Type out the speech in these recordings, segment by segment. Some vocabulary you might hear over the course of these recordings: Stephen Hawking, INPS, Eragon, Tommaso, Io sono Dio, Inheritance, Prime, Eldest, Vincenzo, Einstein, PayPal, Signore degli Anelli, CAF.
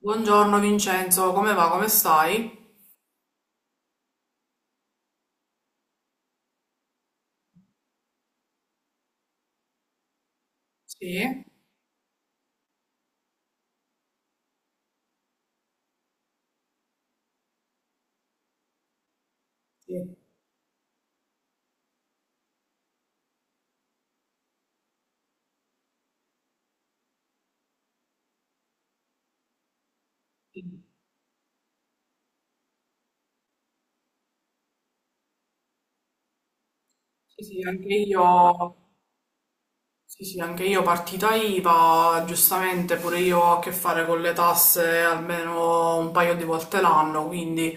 Buongiorno Vincenzo, come va? Come stai? Sì, sì, sì, sì, sì, anche io. Sì, sì, anche io partita IVA, giustamente pure io ho a che fare con le tasse almeno un paio di volte l'anno, quindi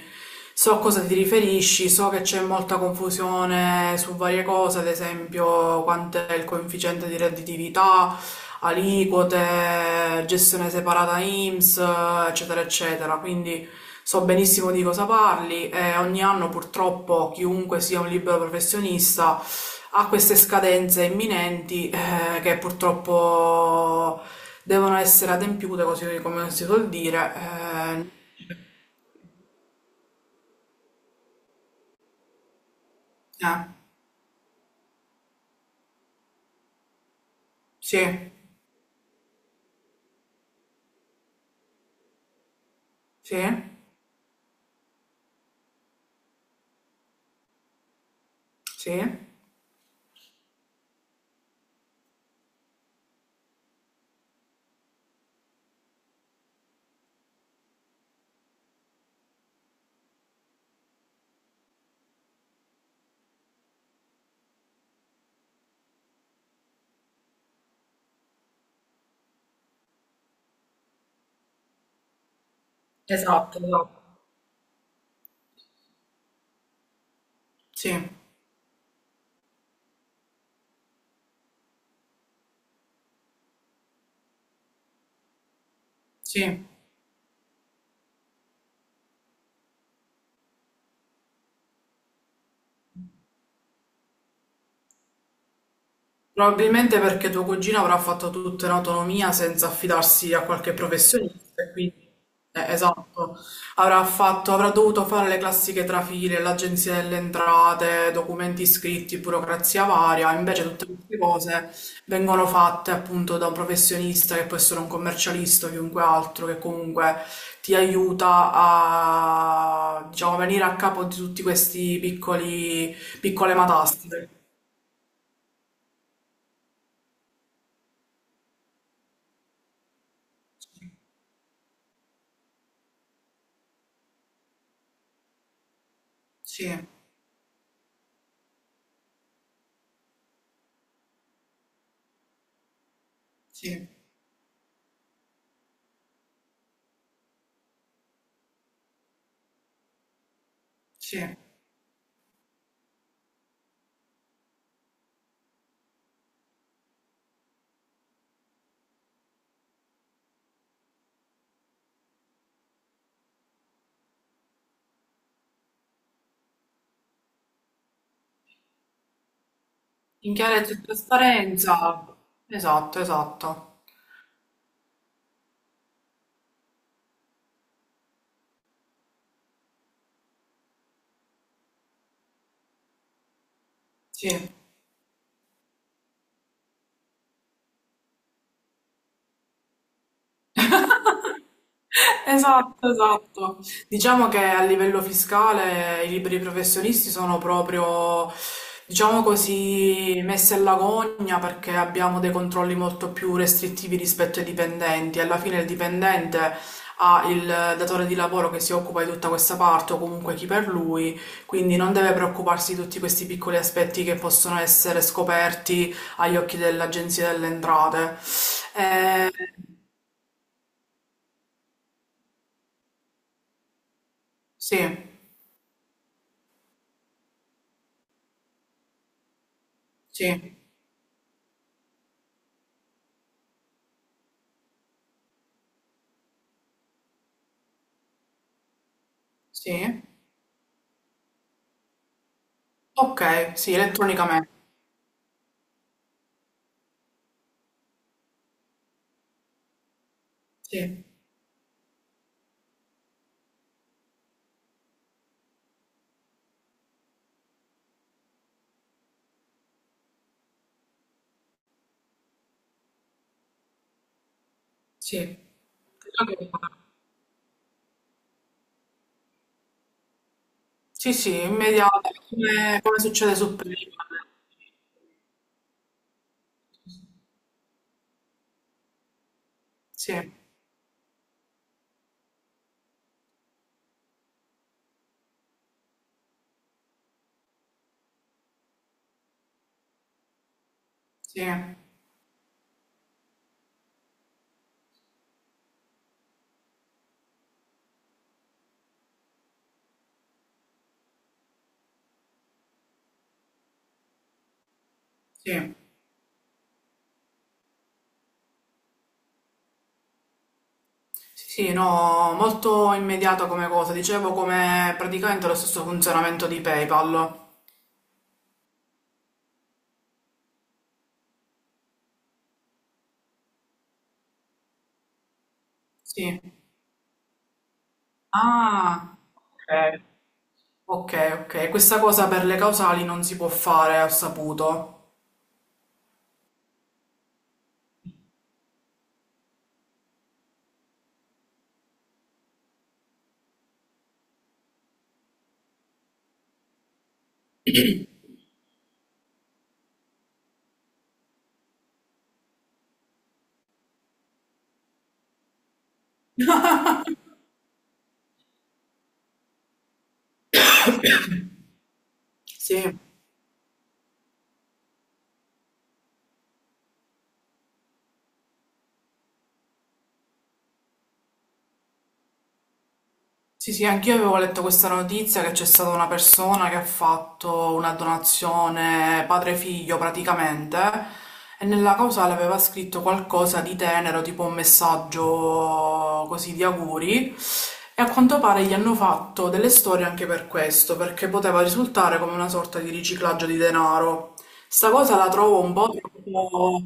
so a cosa ti riferisci, so che c'è molta confusione su varie cose, ad esempio quanto è il coefficiente di redditività, aliquote, gestione separata INPS, eccetera, eccetera. Quindi so benissimo di cosa parli e ogni anno purtroppo chiunque sia un libero professionista ha queste scadenze imminenti che purtroppo devono essere adempiute, così come si suol dire. Eh. Eh, sì, sì, sì. Esatto. Esatto. Sì, sì. Probabilmente perché tuo cugino avrà fatto tutto in autonomia senza affidarsi a qualche professionista, e quindi esatto, avrà fatto, avrà dovuto fare le classiche trafile, l'agenzia delle entrate, documenti scritti, burocrazia varia, invece tutte queste cose vengono fatte appunto da un professionista che può essere un commercialista o chiunque altro che comunque ti aiuta a diciamo venire a capo di tutti questi piccoli piccole matasse. Sì, sì. Sì, in chiave di trasparenza. Esatto, esatto. Sì. Esatto, esatto. Diciamo che a livello fiscale i liberi professionisti sono proprio, diciamo così, messi alla gogna perché abbiamo dei controlli molto più restrittivi rispetto ai dipendenti. Alla fine il dipendente ha il datore di lavoro che si occupa di tutta questa parte o comunque chi per lui, quindi non deve preoccuparsi di tutti questi piccoli aspetti che possono essere scoperti agli occhi dell'Agenzia delle Entrate. Eh, sì, sì, sì. Okay, sì, elettronicamente. Sì, sì. Credo che. Sì, sì, immediata, come succede su Prime. Sì, sì, sì. Sì, sì, no, molto immediata come cosa. Dicevo come praticamente lo stesso funzionamento di PayPal. Sì. Ah, ok. Ok, ok. Questa cosa per le causali non si può fare, ho saputo. Sì. Sì, sì, anch'io avevo letto questa notizia che c'è stata una persona che ha fatto una donazione padre-figlio praticamente e nella cosa l'aveva scritto qualcosa di tenero, tipo un messaggio così di auguri e a quanto pare gli hanno fatto delle storie anche per questo, perché poteva risultare come una sorta di riciclaggio di denaro. Sta cosa la trovo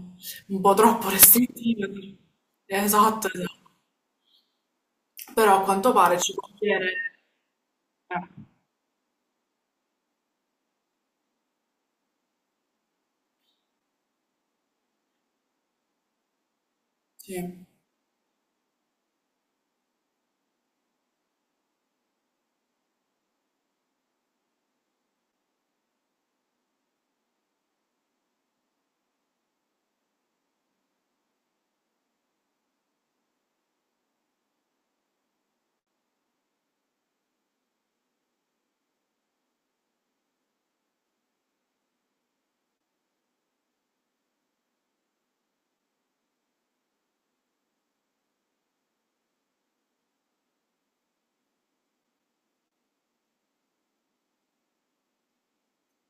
un po' troppo restrittiva. Esatto, esatto. Però a quanto pare ci può essere. Eh. Sì,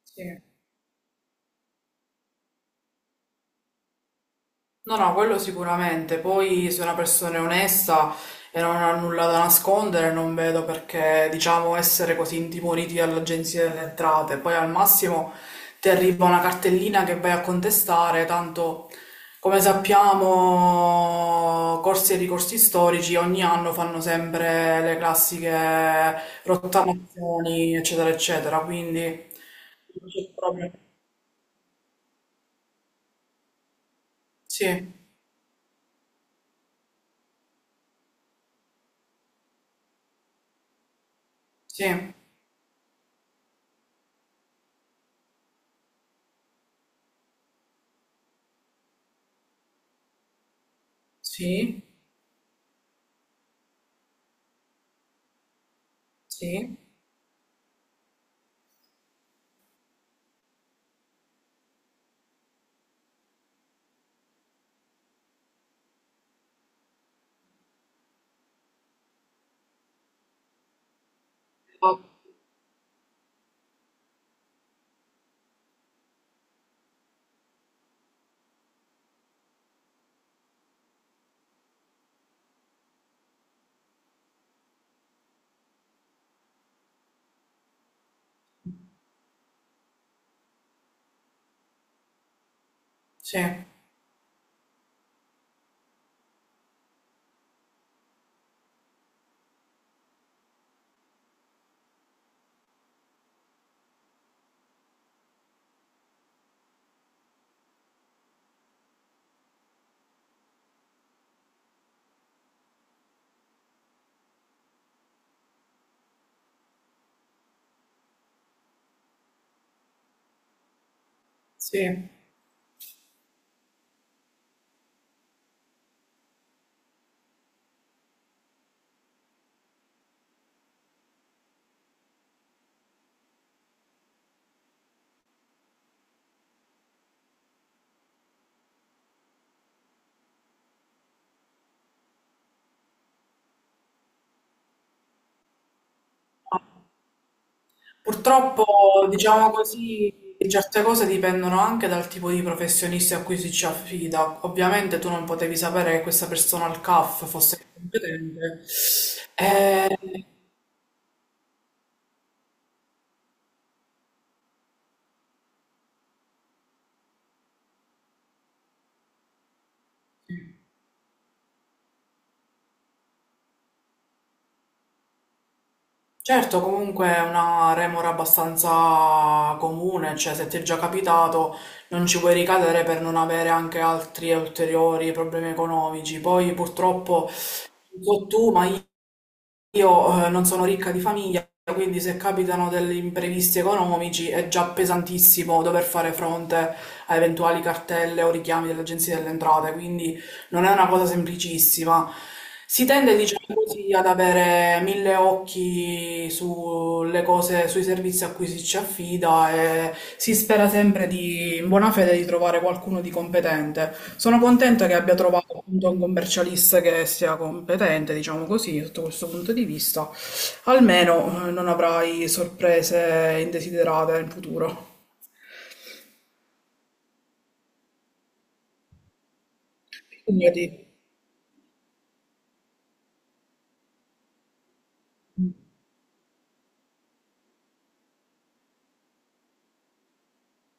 sì. No, no, quello sicuramente. Poi se una persona è onesta e non ha nulla da nascondere, non vedo perché, diciamo, essere così intimoriti dall'Agenzia delle Entrate. Poi al massimo ti arriva una cartellina che vai a contestare, tanto come sappiamo, corsi e ricorsi storici ogni anno fanno sempre le classiche rottamazioni, eccetera, eccetera. Quindi non c'è proprio. Sì, sì, sì. Sì, sì, sì. Purtroppo, diciamo così, certe cose dipendono anche dal tipo di professionista a cui si ci affida. Ovviamente tu non potevi sapere che questa persona al CAF fosse competente. Eh, certo, comunque è una remora abbastanza comune, cioè se ti è già capitato non ci puoi ricadere per non avere anche altri ulteriori problemi economici. Poi purtroppo, non so tu, ma io non sono ricca di famiglia, quindi se capitano degli imprevisti economici è già pesantissimo dover fare fronte a eventuali cartelle o richiami dell'Agenzia delle Entrate, quindi non è una cosa semplicissima. Si tende, diciamo così, ad avere mille occhi sulle cose, sui servizi a cui si ci affida e si spera sempre di, in buona fede di trovare qualcuno di competente. Sono contenta che abbia trovato appunto un commercialista che sia competente, diciamo così, sotto questo punto di vista. Almeno non avrai sorprese indesiderate in futuro. Quindi.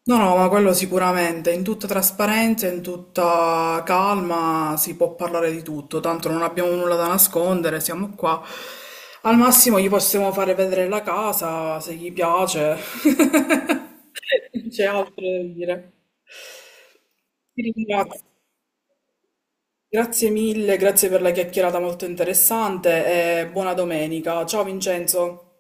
No, no, ma quello sicuramente, in tutta trasparenza, in tutta calma si può parlare di tutto, tanto non abbiamo nulla da nascondere, siamo qua. Al massimo gli possiamo fare vedere la casa, se gli piace. Non c'è altro da dire. Ti ringrazio. Grazie mille, grazie per la chiacchierata molto interessante e buona domenica. Ciao Vincenzo.